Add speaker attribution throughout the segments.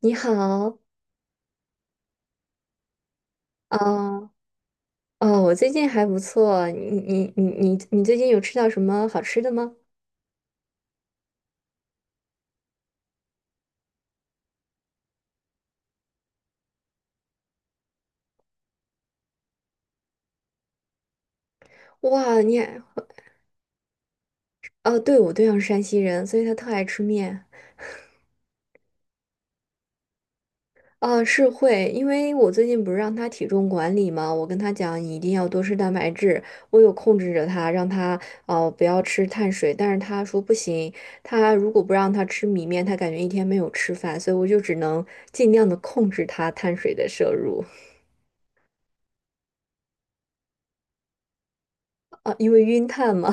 Speaker 1: 你好。啊。哦，我最近还不错。你最近有吃到什么好吃的吗？哇，你也。哦，对，我对象是山西人，所以他特爱吃面。啊，是会，因为我最近不是让他体重管理吗？我跟他讲你一定要多吃蛋白质，我有控制着他，让他哦不要吃碳水，但是他说不行，他如果不让他吃米面，他感觉一天没有吃饭，所以我就只能尽量的控制他碳水的摄入。啊，因为晕碳嘛。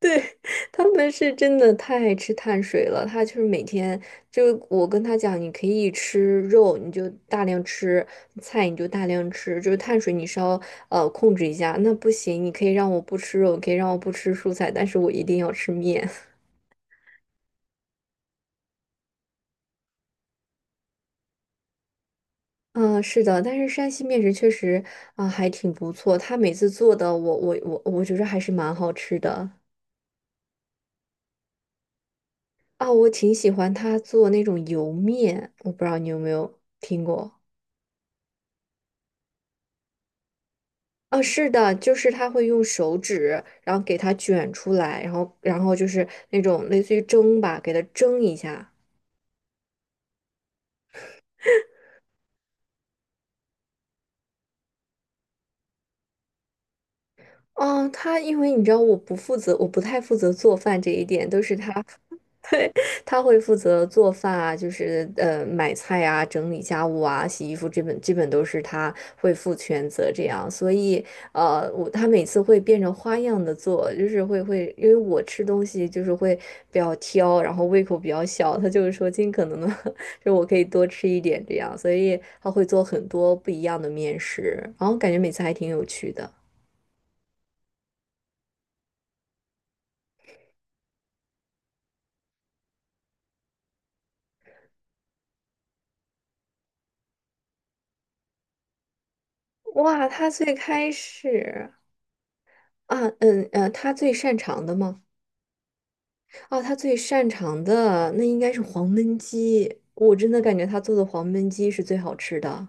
Speaker 1: 对。他们是真的太爱吃碳水了，他就是每天就我跟他讲，你可以吃肉，你就大量吃菜，你就大量吃，就是碳水你稍控制一下。那不行，你可以让我不吃肉，可以让我不吃蔬菜，但是我一定要吃面。嗯，是的，但是山西面食确实啊，还挺不错。他每次做的我觉得还是蛮好吃的。啊，我挺喜欢他做那种油面，我不知道你有没有听过。啊，是的，就是他会用手指，然后给它卷出来，然后，然后就是那种类似于蒸吧，给它蒸一下。哦，他因为你知道我不负责，我不太负责做饭这一点，都是他。对，他会负责做饭啊，就是买菜啊、整理家务啊、洗衣服，基本都是他会负全责这样。所以我他每次会变着花样的做，就是会，因为我吃东西就是会比较挑，然后胃口比较小，他就是说尽可能的，就我可以多吃一点这样，所以他会做很多不一样的面食，然后感觉每次还挺有趣的。哇，他最开始。啊，他最擅长的吗？啊，他最擅长的那应该是黄焖鸡，我真的感觉他做的黄焖鸡是最好吃的。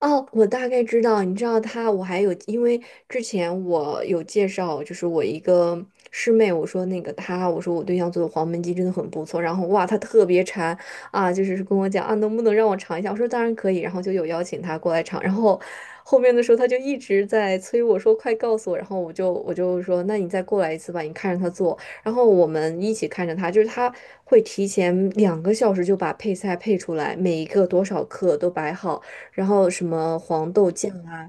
Speaker 1: 哦，我大概知道，你知道他，我还有，因为之前我有介绍，就是我一个师妹，我说那个她，我说我对象做的黄焖鸡真的很不错，然后哇，她特别馋。啊，就是跟我讲啊，能不能让我尝一下？我说当然可以，然后就有邀请她过来尝，然后后面的时候她就一直在催我说快告诉我，然后我就说那你再过来一次吧，你看着她做，然后我们一起看着他，就是他会提前2个小时就把配菜配出来，每一个多少克都摆好。然后什么黄豆酱啊。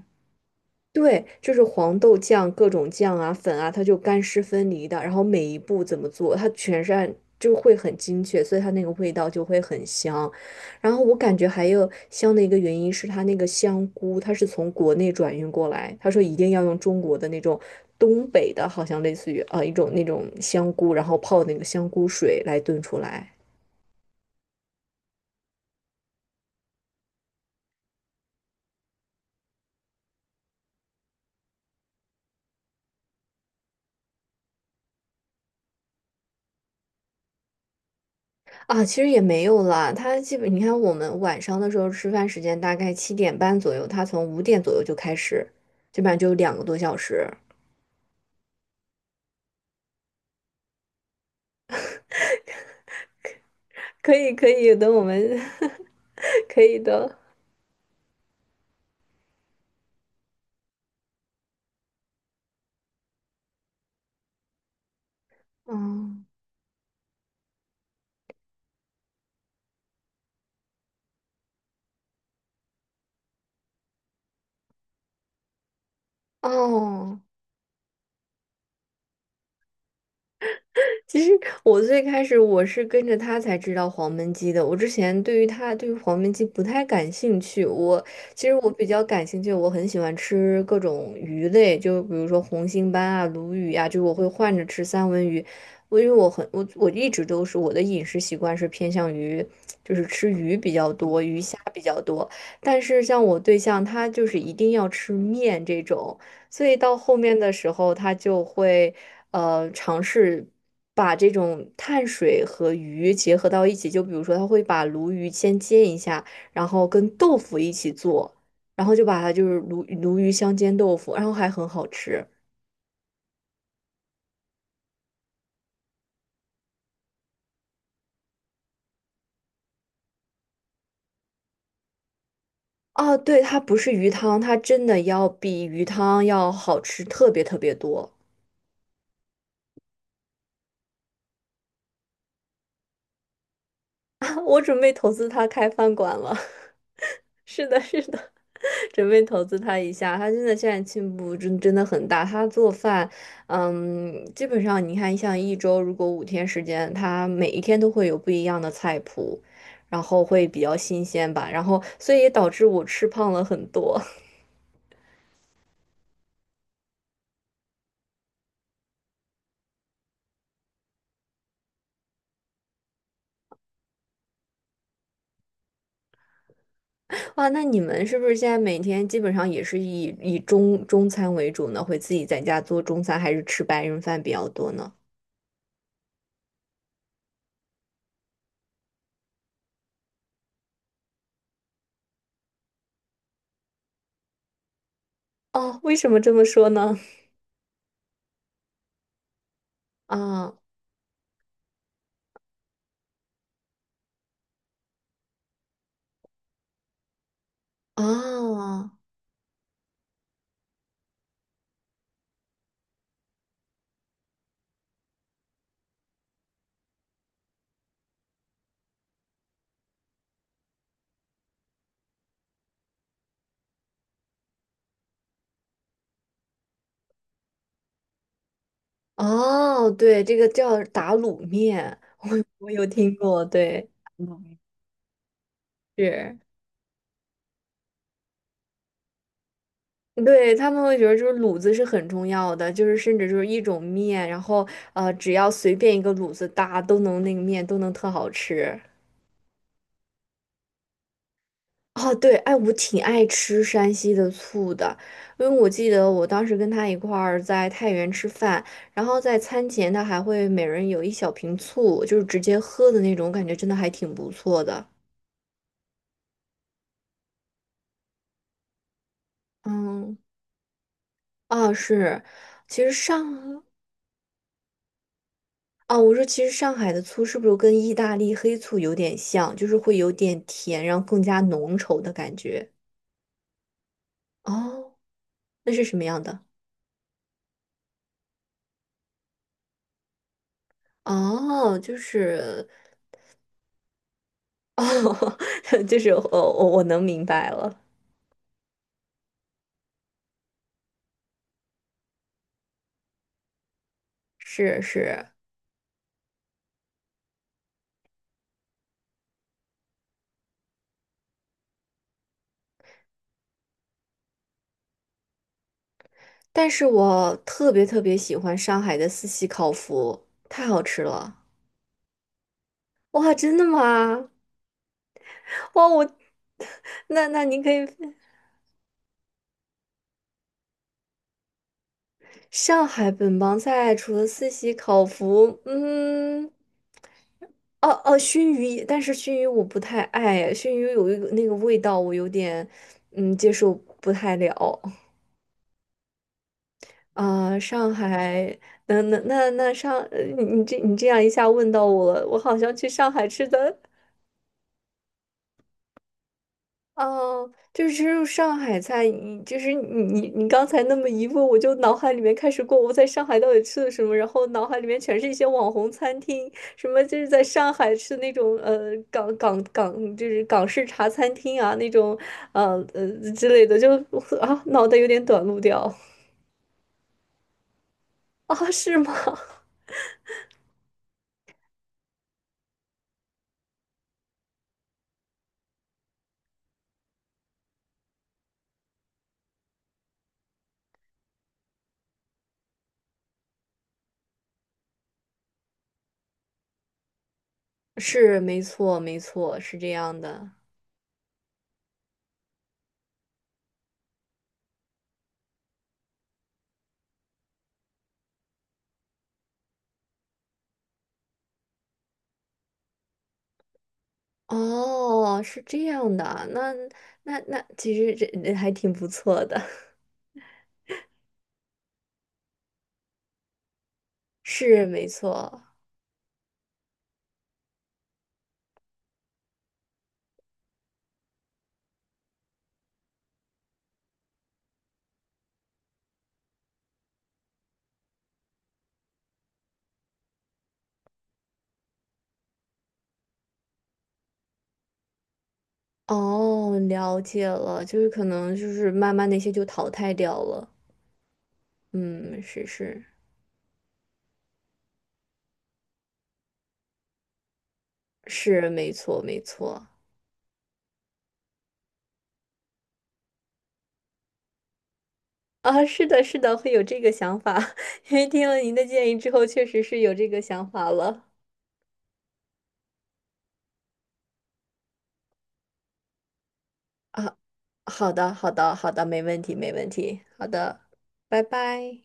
Speaker 1: 对，就是黄豆酱、各种酱啊、粉啊，它就干湿分离的。然后每一步怎么做，它全是按，就会很精确，所以它那个味道就会很香。然后我感觉还有香的一个原因是它那个香菇，它是从国内转运过来，他说一定要用中国的那种东北的，好像类似于一种那种香菇，然后泡那个香菇水来炖出来。啊，其实也没有啦。他基本，你看我们晚上的时候吃饭时间大概7点半左右，他从5点左右就开始，基本上就有2个多小时。可以，可以，等我们。 可以的。嗯。哦，其实我最开始我是跟着他才知道黄焖鸡的。我之前对于他对于黄焖鸡不太感兴趣。其实我比较感兴趣，我很喜欢吃各种鱼类，就比如说红星斑啊、鲈鱼啊，就我会换着吃三文鱼。我因为我很我我一直都是我的饮食习惯是偏向于就是吃鱼比较多，鱼虾比较多。但是像我对象他就是一定要吃面这种。所以到后面的时候，他就会。尝试把这种碳水和鱼结合到一起。就比如说，他会把鲈鱼先煎一下，然后跟豆腐一起做，然后就把它就是鲈鱼香煎豆腐，然后还很好吃。啊，对，它不是鱼汤，它真的要比鱼汤要好吃特别特别多。我准备投资他开饭馆了。是的，是的，准备投资他一下。他真的现在进步真的很大。他做饭，嗯，基本上你看，像一周如果5天时间，他每一天都会有不一样的菜谱，然后会比较新鲜吧。然后，所以也导致我吃胖了很多。哇，那你们是不是现在每天基本上也是以中餐为主呢？会自己在家做中餐，还是吃白人饭比较多呢？哦，为什么这么说呢？啊啊。哦哦，对，这个叫打卤面，我有听过，对。嗯，是，对，他们会觉得就是卤子是很重要的，就是甚至就是一种面，然后只要随便一个卤子搭，都能那个面都能特好吃。哦，对，哎，我挺爱吃山西的醋的，因为我记得我当时跟他一块儿在太原吃饭，然后在餐前他还会每人有一小瓶醋，就是直接喝的那种，感觉真的还挺不错的。嗯。啊，是，其实上。啊，我说其实上海的醋是不是跟意大利黑醋有点像，就是会有点甜，然后更加浓稠的感觉。哦，那是什么样的？哦，就是。哦。就是我能明白了。是，是，但是我特别特别喜欢上海的四喜烤麸，太好吃了。哇，真的吗？哇，我。 那那您可以。上海本帮菜除了四喜、烤麸，嗯。哦哦，熏鱼。也但是熏鱼我不太爱，熏鱼有一个那个味道，我有点接受不太了。啊、上海，那那那那上，呃你你这你这样一下问到我了，我好像去上海吃的。哦，就是吃入上海菜，你就是你刚才那么一问，我就脑海里面开始过我在上海到底吃了什么，然后脑海里面全是一些网红餐厅，什么就是在上海吃那种港港港就是港式茶餐厅啊那种呃呃之类的，就 啊脑袋有点短路掉。 啊，是吗？是，没错，没错，是这样的。哦，是这样的啊，那其实这还挺不错的。是没错。哦，了解了，就是可能就是慢慢那些就淘汰掉了。嗯，是是是，没错没错。啊，是的，是的，会有这个想法，因为听了您的建议之后，确实是有这个想法了。啊，好的，好的，好的，没问题，没问题。好的，拜拜。